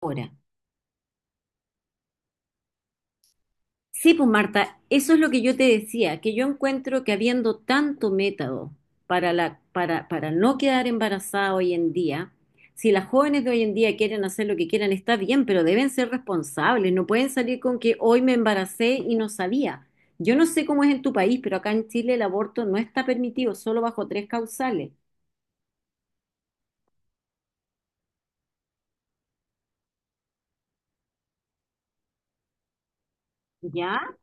Ahora, sí, pues Marta, eso es lo que yo te decía, que yo encuentro que habiendo tanto método para para no quedar embarazada hoy en día, si las jóvenes de hoy en día quieren hacer lo que quieran, está bien, pero deben ser responsables, no pueden salir con que hoy me embaracé y no sabía. Yo no sé cómo es en tu país, pero acá en Chile el aborto no está permitido, solo bajo tres causales. ¿Ya?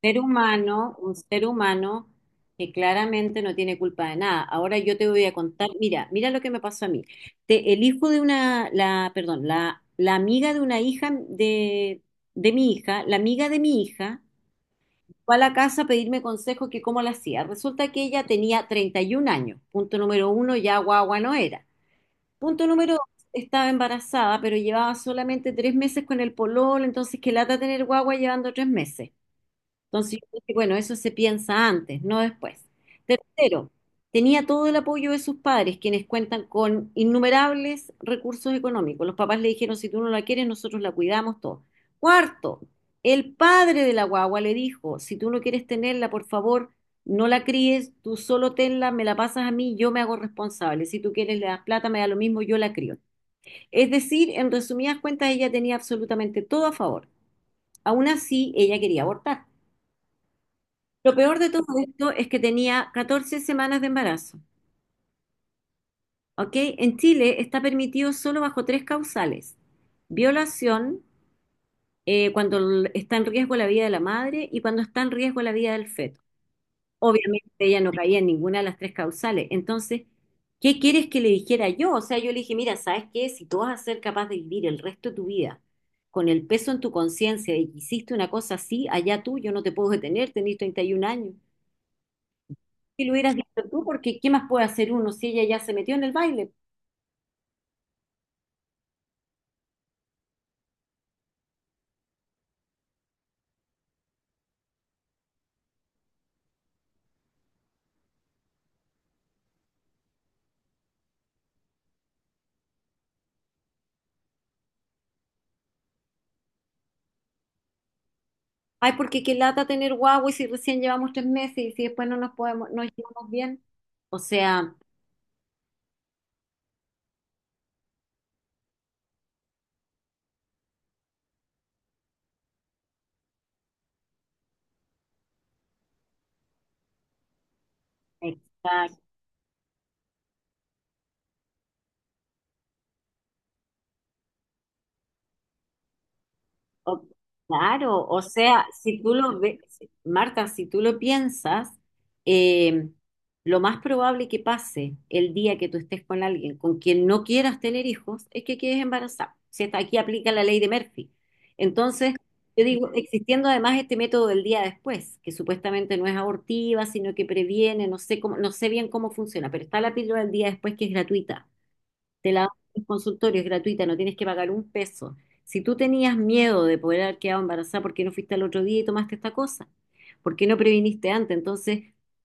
Ser humano, un ser humano que claramente no tiene culpa de nada. Ahora yo te voy a contar, mira, mira lo que me pasó a mí. El hijo de una, la, perdón, la amiga de una hija de mi hija, la amiga de mi hija, fue a la casa a pedirme consejo que cómo la hacía. Resulta que ella tenía 31 años. Punto número uno, ya guagua no era. Punto número dos, estaba embarazada, pero llevaba solamente tres meses con el pololo, entonces qué lata tener guagua llevando tres meses. Entonces, yo dije, bueno, eso se piensa antes, no después. Tercero, tenía todo el apoyo de sus padres, quienes cuentan con innumerables recursos económicos. Los papás le dijeron, si tú no la quieres, nosotros la cuidamos todo. Cuarto, el padre de la guagua le dijo, si tú no quieres tenerla, por favor, no la críes, tú solo tenla, me la pasas a mí, yo me hago responsable. Si tú quieres, le das plata, me da lo mismo, yo la crío. Es decir, en resumidas cuentas, ella tenía absolutamente todo a favor. Aún así, ella quería abortar. Lo peor de todo esto es que tenía 14 semanas de embarazo, ¿ok? En Chile está permitido solo bajo tres causales. Violación, cuando está en riesgo la vida de la madre y cuando está en riesgo la vida del feto. Obviamente ella no caía en ninguna de las tres causales. Entonces, ¿qué quieres que le dijera yo? O sea, yo le dije, mira, ¿sabes qué? Si tú vas a ser capaz de vivir el resto de tu vida con el peso en tu conciencia de que hiciste una cosa así, allá tú, yo no te puedo detener, tenés 31 años. Si lo hubieras dicho tú, porque ¿qué más puede hacer uno si ella ya se metió en el baile? Ay, porque qué lata tener guagua y si recién llevamos tres meses y si después no nos podemos, no llevamos bien. O sea, exacto. O- claro, o sea, si tú lo ves, Marta, si tú lo piensas, eh, lo más probable que pase el día que tú estés con alguien con quien no quieras tener hijos es que quedes embarazada. Si hasta aquí aplica la ley de Murphy. Entonces, yo digo, existiendo además este método del día después, que supuestamente no es abortiva, sino que previene, no sé cómo, no sé bien cómo funciona, pero está la píldora del día después que es gratuita, te la dan en el consultorio, es gratuita, no tienes que pagar un peso. Si tú tenías miedo de poder haber quedado embarazada, ¿por qué no fuiste al otro día y tomaste esta cosa? ¿Por qué no previniste antes? Entonces,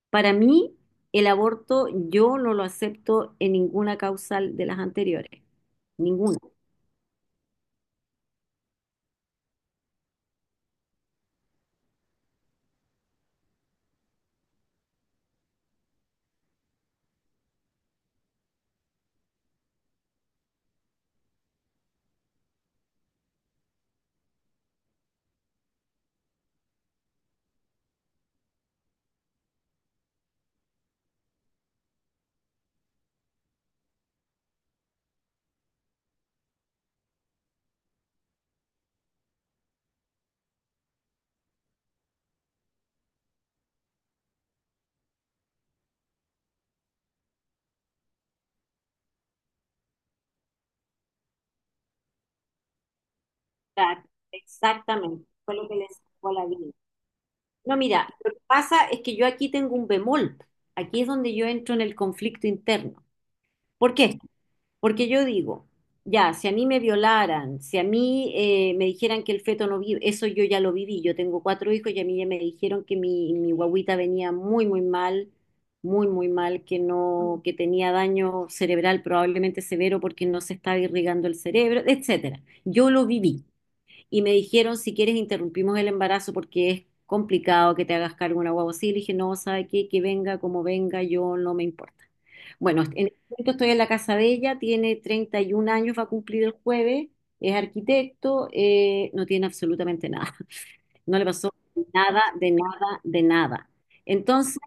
para mí, el aborto yo no lo acepto en ninguna causal de las anteriores. Ninguna. Exactamente. Fue lo que les sacó la vida. No, mira, lo que pasa es que yo aquí tengo un bemol. Aquí es donde yo entro en el conflicto interno. ¿Por qué? Porque yo digo, ya, si a mí me violaran, si a mí me dijeran que el feto no vive, eso yo ya lo viví. Yo tengo 4 hijos y a mí ya me dijeron que mi guagüita venía muy, muy mal, que no, que tenía daño cerebral probablemente severo porque no se estaba irrigando el cerebro, etcétera. Yo lo viví. Y me dijeron, si quieres, interrumpimos el embarazo porque es complicado que te hagas cargo de una guagua así. Le dije, no, ¿sabe qué? Que venga como venga, yo no me importa. Bueno, en este momento estoy en la casa de ella, tiene 31 años, va a cumplir el jueves, es arquitecto, no tiene absolutamente nada, no le pasó nada, de nada, de nada. Entonces,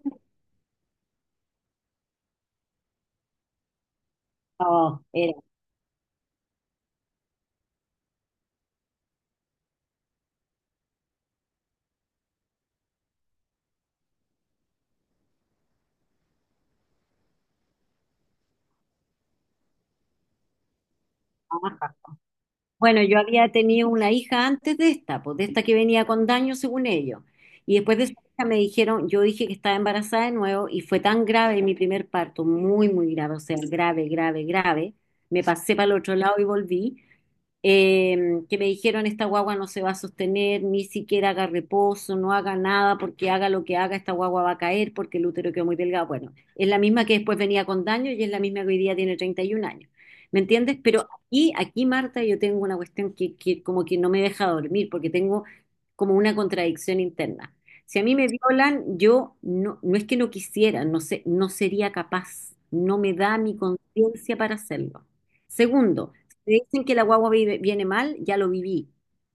oh, era baja. Bueno, yo había tenido una hija antes de esta, pues de esta que venía con daño según ellos. Y después de esa hija me dijeron, yo dije que estaba embarazada de nuevo y fue tan grave mi primer parto, muy, muy grave, o sea, grave, grave, grave. Me pasé para el otro lado y volví. eh, que me dijeron esta guagua no se va a sostener, ni siquiera haga reposo, no haga nada, porque haga lo que haga, esta guagua va a caer porque el útero quedó muy delgado. Bueno, es la misma que después venía con daño y es la misma que hoy día tiene 31 años. ¿Me entiendes? Pero aquí, Marta, yo tengo una cuestión que como que no me deja dormir, porque tengo como una contradicción interna. Si a mí me violan, yo no, no es que no quisiera, no sé, no sería capaz, no me da mi conciencia para hacerlo. Segundo, me dicen que la guagua viene mal, ya lo viví.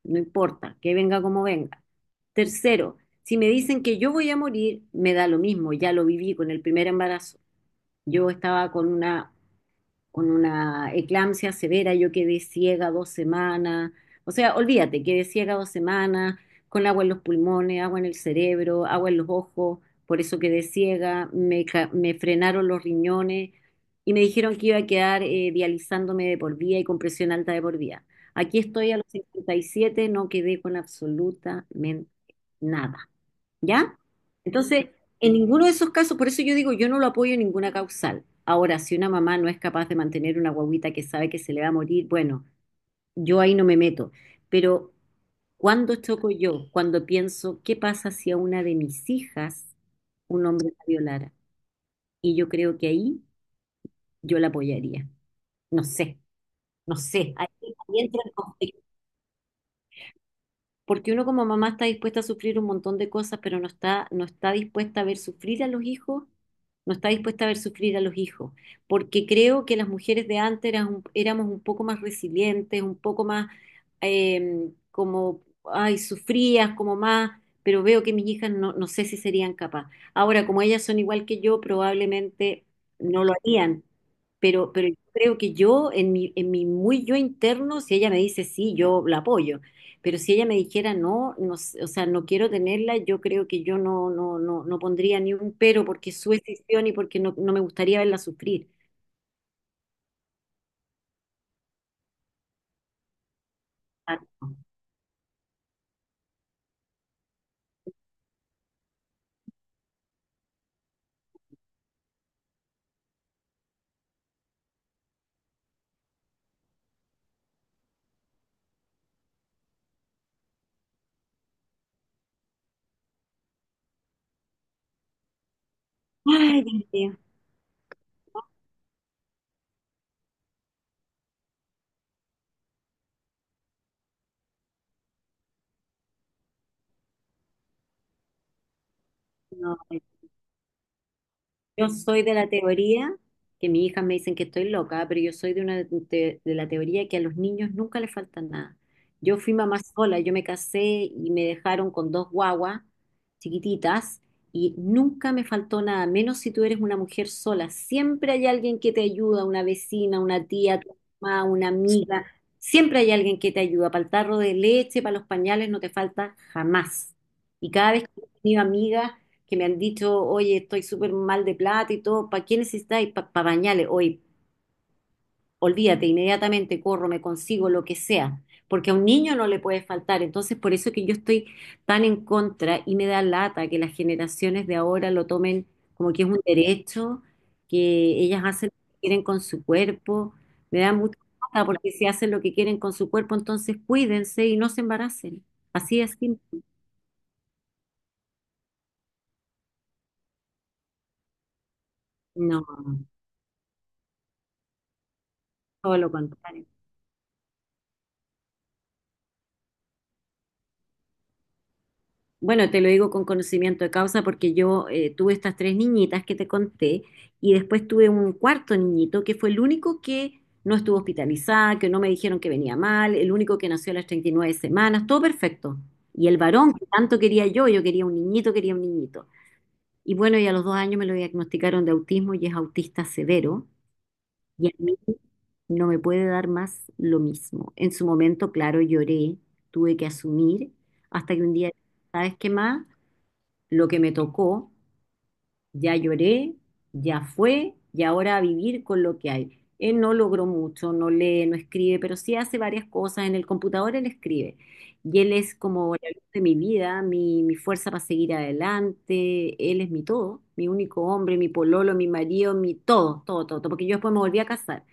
No importa, que venga como venga. Tercero, si me dicen que yo voy a morir, me da lo mismo, ya lo viví con el primer embarazo. Yo estaba con una eclampsia severa, yo quedé ciega dos semanas, o sea, olvídate, quedé ciega dos semanas, con agua en los pulmones, agua en el cerebro, agua en los ojos, por eso quedé ciega, me, me frenaron los riñones y me dijeron que iba a quedar dializándome de por vida y con presión alta de por vida. Aquí estoy a los 57, no quedé con absolutamente nada. ¿Ya? Entonces, en ninguno de esos casos, por eso yo digo, yo no lo apoyo en ninguna causal. Ahora, si una mamá no es capaz de mantener una guagüita que sabe que se le va a morir, bueno, yo ahí no me meto. Pero, ¿cuándo choco yo? Cuando pienso, ¿qué pasa si a una de mis hijas un hombre la violara? Y yo creo que ahí yo la apoyaría. No sé, no sé. Ahí, ahí entra el conflicto. Porque uno como mamá está dispuesta a sufrir un montón de cosas, pero no está, no está dispuesta a ver sufrir a los hijos, no está dispuesta a ver sufrir a los hijos, porque creo que las mujeres de antes eran éramos un poco más resilientes, un poco más como, ay, sufrías como más, pero veo que mis hijas no, no sé si serían capaces. Ahora, como ellas son igual que yo, probablemente no lo harían. Pero yo creo que yo, en en mi muy yo interno, si ella me dice sí, yo la apoyo. Pero si ella me dijera no, no, o sea, no quiero tenerla, yo creo que yo no, no, no, no pondría ni un pero porque es su decisión y porque no, no me gustaría verla sufrir. Exacto. Ay, Dios mío. No, yo soy de la teoría, que mis hijas me dicen que estoy loca, pero yo soy de una de la teoría que a los niños nunca les falta nada. Yo fui mamá sola, yo me casé y me dejaron con dos guaguas chiquititas y nunca me faltó nada, menos si tú eres una mujer sola. Siempre hay alguien que te ayuda, una vecina, una tía, tu mamá, una amiga. Siempre hay alguien que te ayuda. Para el tarro de leche, para los pañales, no te falta jamás. Y cada vez que he tenido amigas que me han dicho, oye, estoy súper mal de plata y todo, ¿para qué necesitáis? Para bañales, hoy, olvídate, inmediatamente corro, me consigo lo que sea, porque a un niño no le puede faltar, entonces por eso que yo estoy tan en contra y me da lata que las generaciones de ahora lo tomen como que es un derecho, que ellas hacen lo que quieren con su cuerpo, me da mucha lata porque si hacen lo que quieren con su cuerpo, entonces cuídense y no se embaracen, así es, simple. No, todo lo contrario. Bueno, te lo digo con conocimiento de causa porque yo tuve estas tres niñitas que te conté y después tuve un cuarto niñito que fue el único que no estuvo hospitalizado, que no me dijeron que venía mal, el único que nació a las 39 semanas, todo perfecto. Y el varón que tanto quería yo, yo quería un niñito, quería un niñito. Y bueno, y a los dos años me lo diagnosticaron de autismo y es autista severo y a mí no me puede dar más lo mismo. En su momento, claro, lloré, tuve que asumir hasta que un día, ¿sabes qué más? Lo que me tocó, ya lloré, ya fue, y ahora a vivir con lo que hay. Él no logró mucho, no lee, no escribe, pero sí hace varias cosas. En el computador él escribe. Y él es como la luz de mi vida, mi fuerza para seguir adelante. Él es mi todo, mi único hombre, mi pololo, mi marido, mi todo, todo, todo, todo, porque yo después me volví a casar.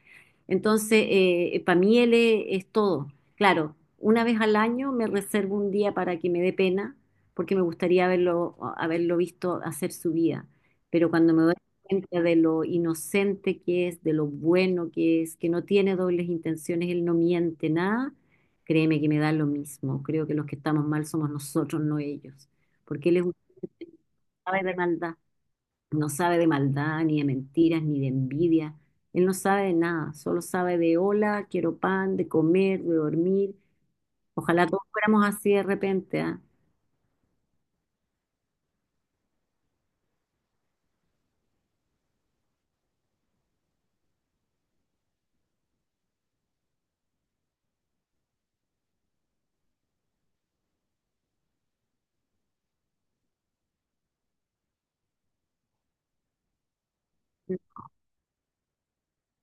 Entonces, para mí él es todo. Claro, una vez al año me reservo un día para que me dé pena, porque me gustaría haberlo, haberlo visto hacer su vida. Pero cuando me doy cuenta de lo inocente que es, de lo bueno que es, que no tiene dobles intenciones, él no miente nada, créeme que me da lo mismo. Creo que los que estamos mal somos nosotros, no ellos. Porque él es un sabe de maldad. No sabe de maldad, ni de mentiras, ni de envidia. Él no sabe de nada, solo sabe de hola, quiero pan, de comer, de dormir. Ojalá todos fuéramos así de repente, ¿ah?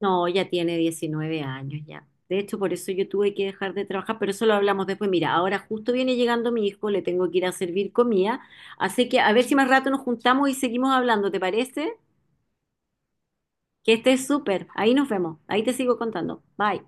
No, ya tiene 19 años ya. De hecho, por eso yo tuve que dejar de trabajar, pero eso lo hablamos después. Mira, ahora justo viene llegando mi hijo, le tengo que ir a servir comida. Así que a ver si más rato nos juntamos y seguimos hablando, ¿te parece? Que estés súper. Ahí nos vemos. Ahí te sigo contando. Bye.